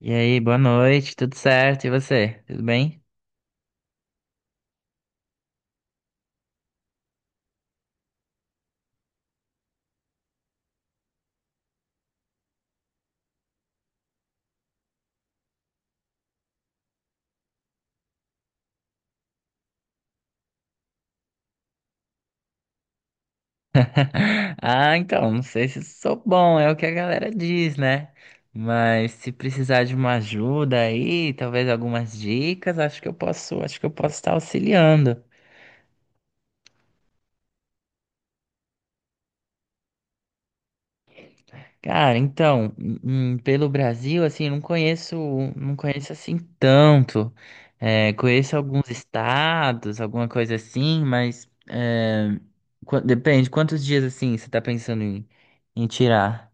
E aí, boa noite, tudo certo? E você? Tudo bem? Ah, então, não sei se sou bom, é o que a galera diz, né? Mas se precisar de uma ajuda aí, talvez algumas dicas, acho que eu posso estar auxiliando. Cara, então, pelo Brasil, assim, não conheço assim tanto. É, conheço alguns estados, alguma coisa assim, mas é, depende, quantos dias assim você tá pensando em tirar?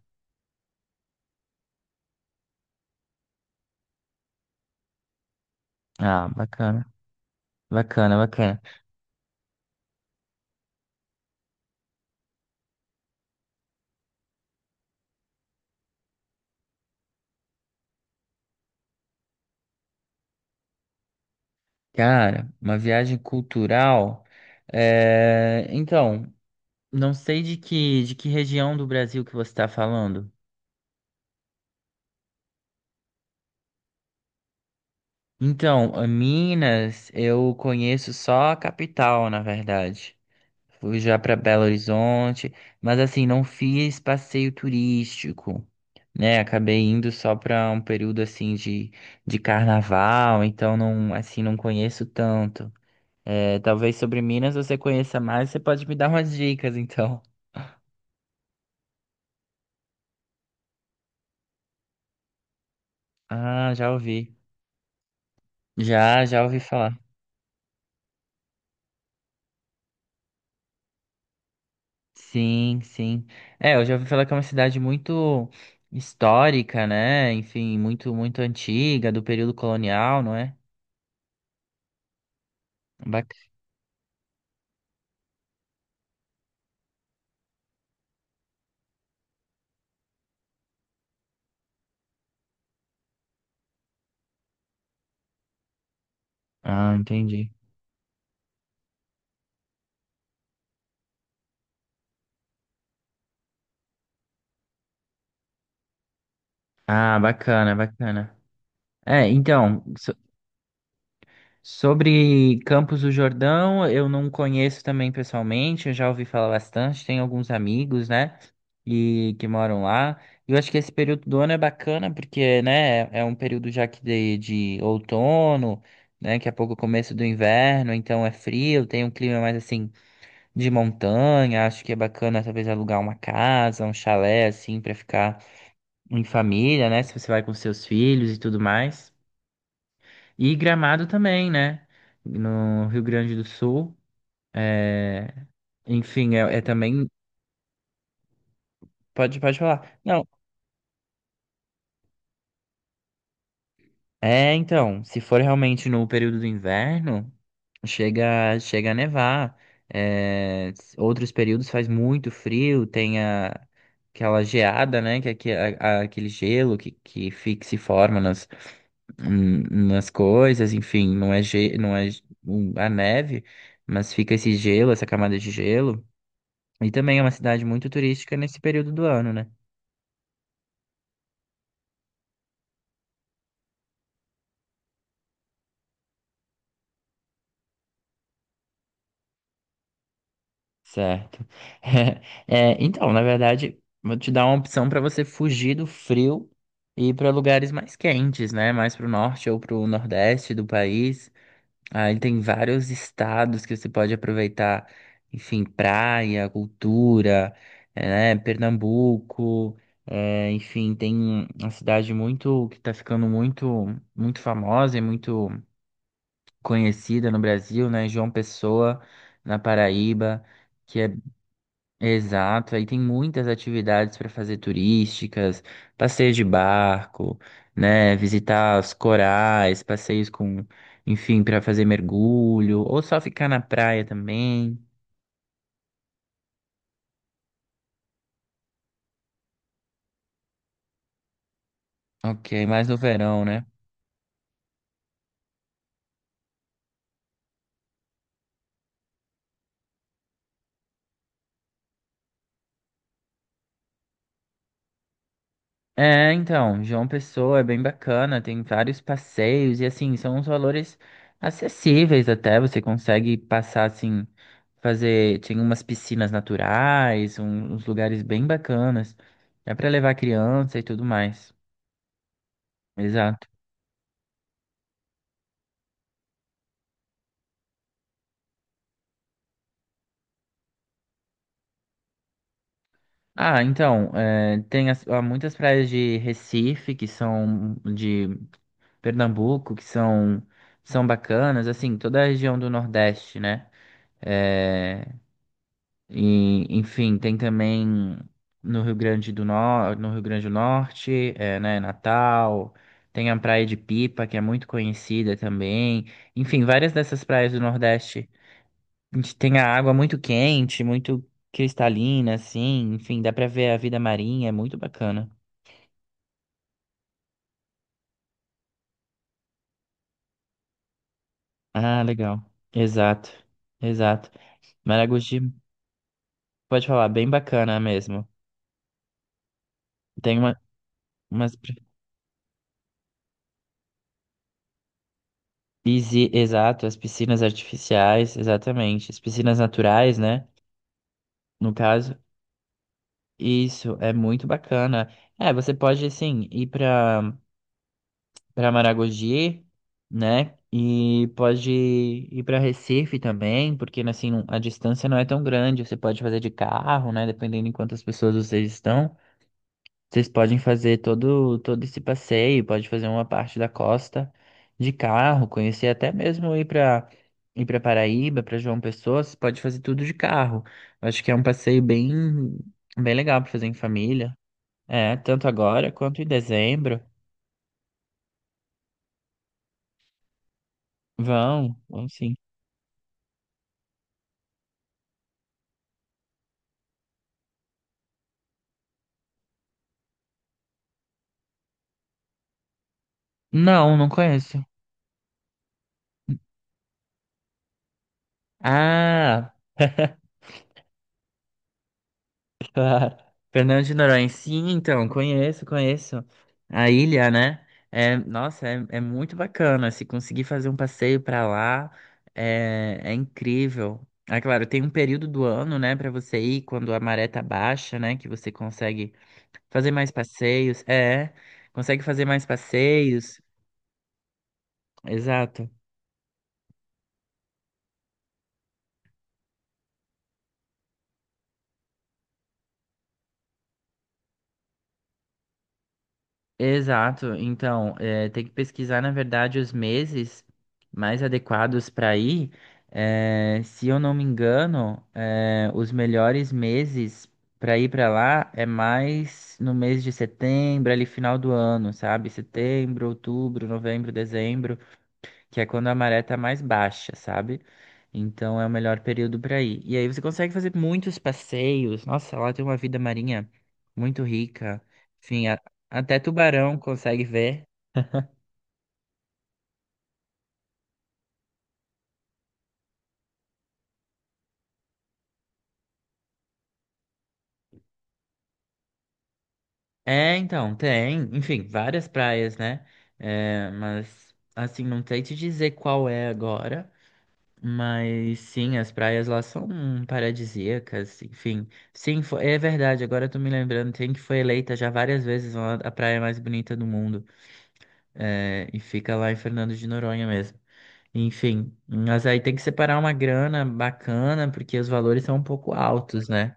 Ah, bacana, bacana, bacana. Cara, uma viagem cultural. É, então, não sei de que região do Brasil que você está falando. Então, a Minas, eu conheço só a capital, na verdade. Fui já para Belo Horizonte, mas assim, não fiz passeio turístico, né? Acabei indo só para um período de carnaval, então não, assim, não conheço tanto. É, talvez sobre Minas você conheça mais, você pode me dar umas dicas, então. Ah, já ouvi. Já ouvi falar. Sim, sim. É, eu já ouvi falar que é uma cidade muito histórica, né? Enfim, muito, muito antiga, do período colonial, não é? Bac- Ah, entendi. Ah, bacana, bacana. É, então, sobre Campos do Jordão, eu não conheço também pessoalmente, eu já ouvi falar bastante, tenho alguns amigos, né, e que moram lá. E eu acho que esse período do ano é bacana porque, né, é um período já de outono, né, daqui a pouco é o começo do inverno, então é frio, tem um clima mais assim de montanha, acho que é bacana talvez alugar uma casa, um chalé assim para ficar em família, né, se você vai com seus filhos e tudo mais. E Gramado também, né? No Rio Grande do Sul. É, enfim, é, é também. Pode falar. Não. É, então, se for realmente no período do inverno, chega a nevar. É, outros períodos faz muito frio, tem aquela geada, né? Que, aquele gelo que fica, se forma nas, hum, nas coisas, enfim, não é, não é a neve, mas fica esse gelo, essa camada de gelo. E também é uma cidade muito turística nesse período do ano, né? Certo. É, então, na verdade, vou te dar uma opção para você fugir do frio e ir para lugares mais quentes, né? Mais para o norte ou para o nordeste do país. Aí tem vários estados que você pode aproveitar, enfim, praia, cultura, é, né? Pernambuco, é, enfim, tem uma cidade muito que está ficando muito, muito famosa e muito conhecida no Brasil, né? João Pessoa, na Paraíba, que é exato. Aí tem muitas atividades para fazer turísticas, passeios de barco, né? Visitar os corais, passeios com, enfim, para fazer mergulho, ou só ficar na praia também. Ok, mais no verão, né? É, então, João Pessoa é bem bacana, tem vários passeios e assim, são uns valores acessíveis até, você consegue passar assim, fazer, tem umas piscinas naturais, uns lugares bem bacanas. É pra levar criança e tudo mais. Exato. Ah, então, é, tem há muitas praias de Recife, que são de Pernambuco, são bacanas, assim, toda a região do Nordeste, né? É, e, enfim, tem também no Rio Grande do Norte, no Rio Grande do Norte, é, né, Natal, tem a Praia de Pipa, que é muito conhecida também. Enfim, várias dessas praias do Nordeste, a gente tem a água muito quente, muito cristalina, assim, enfim, dá pra ver a vida marinha, é muito bacana. Ah, legal. Exato, exato. Maragogi, pode falar, bem bacana mesmo. Tem uma, umas. Pisci- Exato, as piscinas artificiais, exatamente. As piscinas naturais, né? No caso, isso é muito bacana. É, você pode, assim, ir para para Maragogi, né? E pode ir para Recife também, porque, assim, a distância não é tão grande. Você pode fazer de carro, né? Dependendo de quantas pessoas vocês estão. Vocês podem fazer todo esse passeio, pode fazer uma parte da costa de carro, conhecer até mesmo ir para Paraíba, para João Pessoa, vocês podem fazer tudo de carro. Eu acho que é um passeio bem legal para fazer em família. É, tanto agora quanto em dezembro. Vão, vão sim. Não, não conheço. Ah, claro. Fernando de Noronha. Sim, então, conheço, conheço. A ilha, né? É, nossa, é, é muito bacana. Se conseguir fazer um passeio pra lá, é, é incrível. Ah, claro, tem um período do ano, né, pra você ir quando a maré tá baixa, né, que você consegue fazer mais passeios. É, consegue fazer mais passeios. Exato. Exato. Então, tem que pesquisar, na verdade, os meses mais adequados para ir. Se eu não me engano, os melhores meses para ir para lá é mais no mês de setembro, ali final do ano, sabe? Setembro, outubro, novembro, dezembro que é quando a maré tá mais baixa, sabe? Então é o melhor período para ir. E aí você consegue fazer muitos passeios. Nossa, lá tem uma vida marinha muito rica. Enfim, até tubarão consegue ver. É, então, tem, enfim, várias praias, né? É, mas assim, não sei te dizer qual é agora. Mas sim, as praias lá são paradisíacas, enfim. Sim, é verdade, agora eu tô me lembrando, tem que foi eleita já várias vezes a praia mais bonita do mundo. É, e fica lá em Fernando de Noronha mesmo. Enfim, mas aí tem que separar uma grana bacana, porque os valores são um pouco altos, né?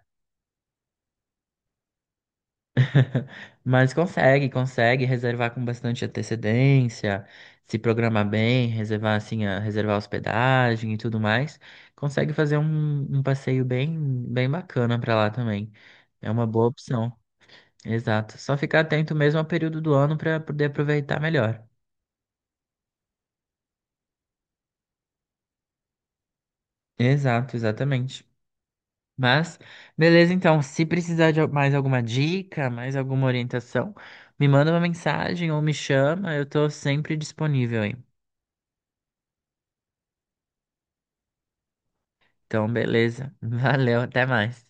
Mas consegue reservar com bastante antecedência, se programar bem, reservar assim, reservar hospedagem e tudo mais. Consegue fazer um passeio bem bacana pra lá também. É uma boa opção. Exato. Só ficar atento mesmo ao período do ano pra poder aproveitar melhor. Exato, exatamente. Mas, beleza, então, se precisar de mais alguma dica, mais alguma orientação, me manda uma mensagem ou me chama, eu tô sempre disponível aí. Então, beleza. Valeu, até mais.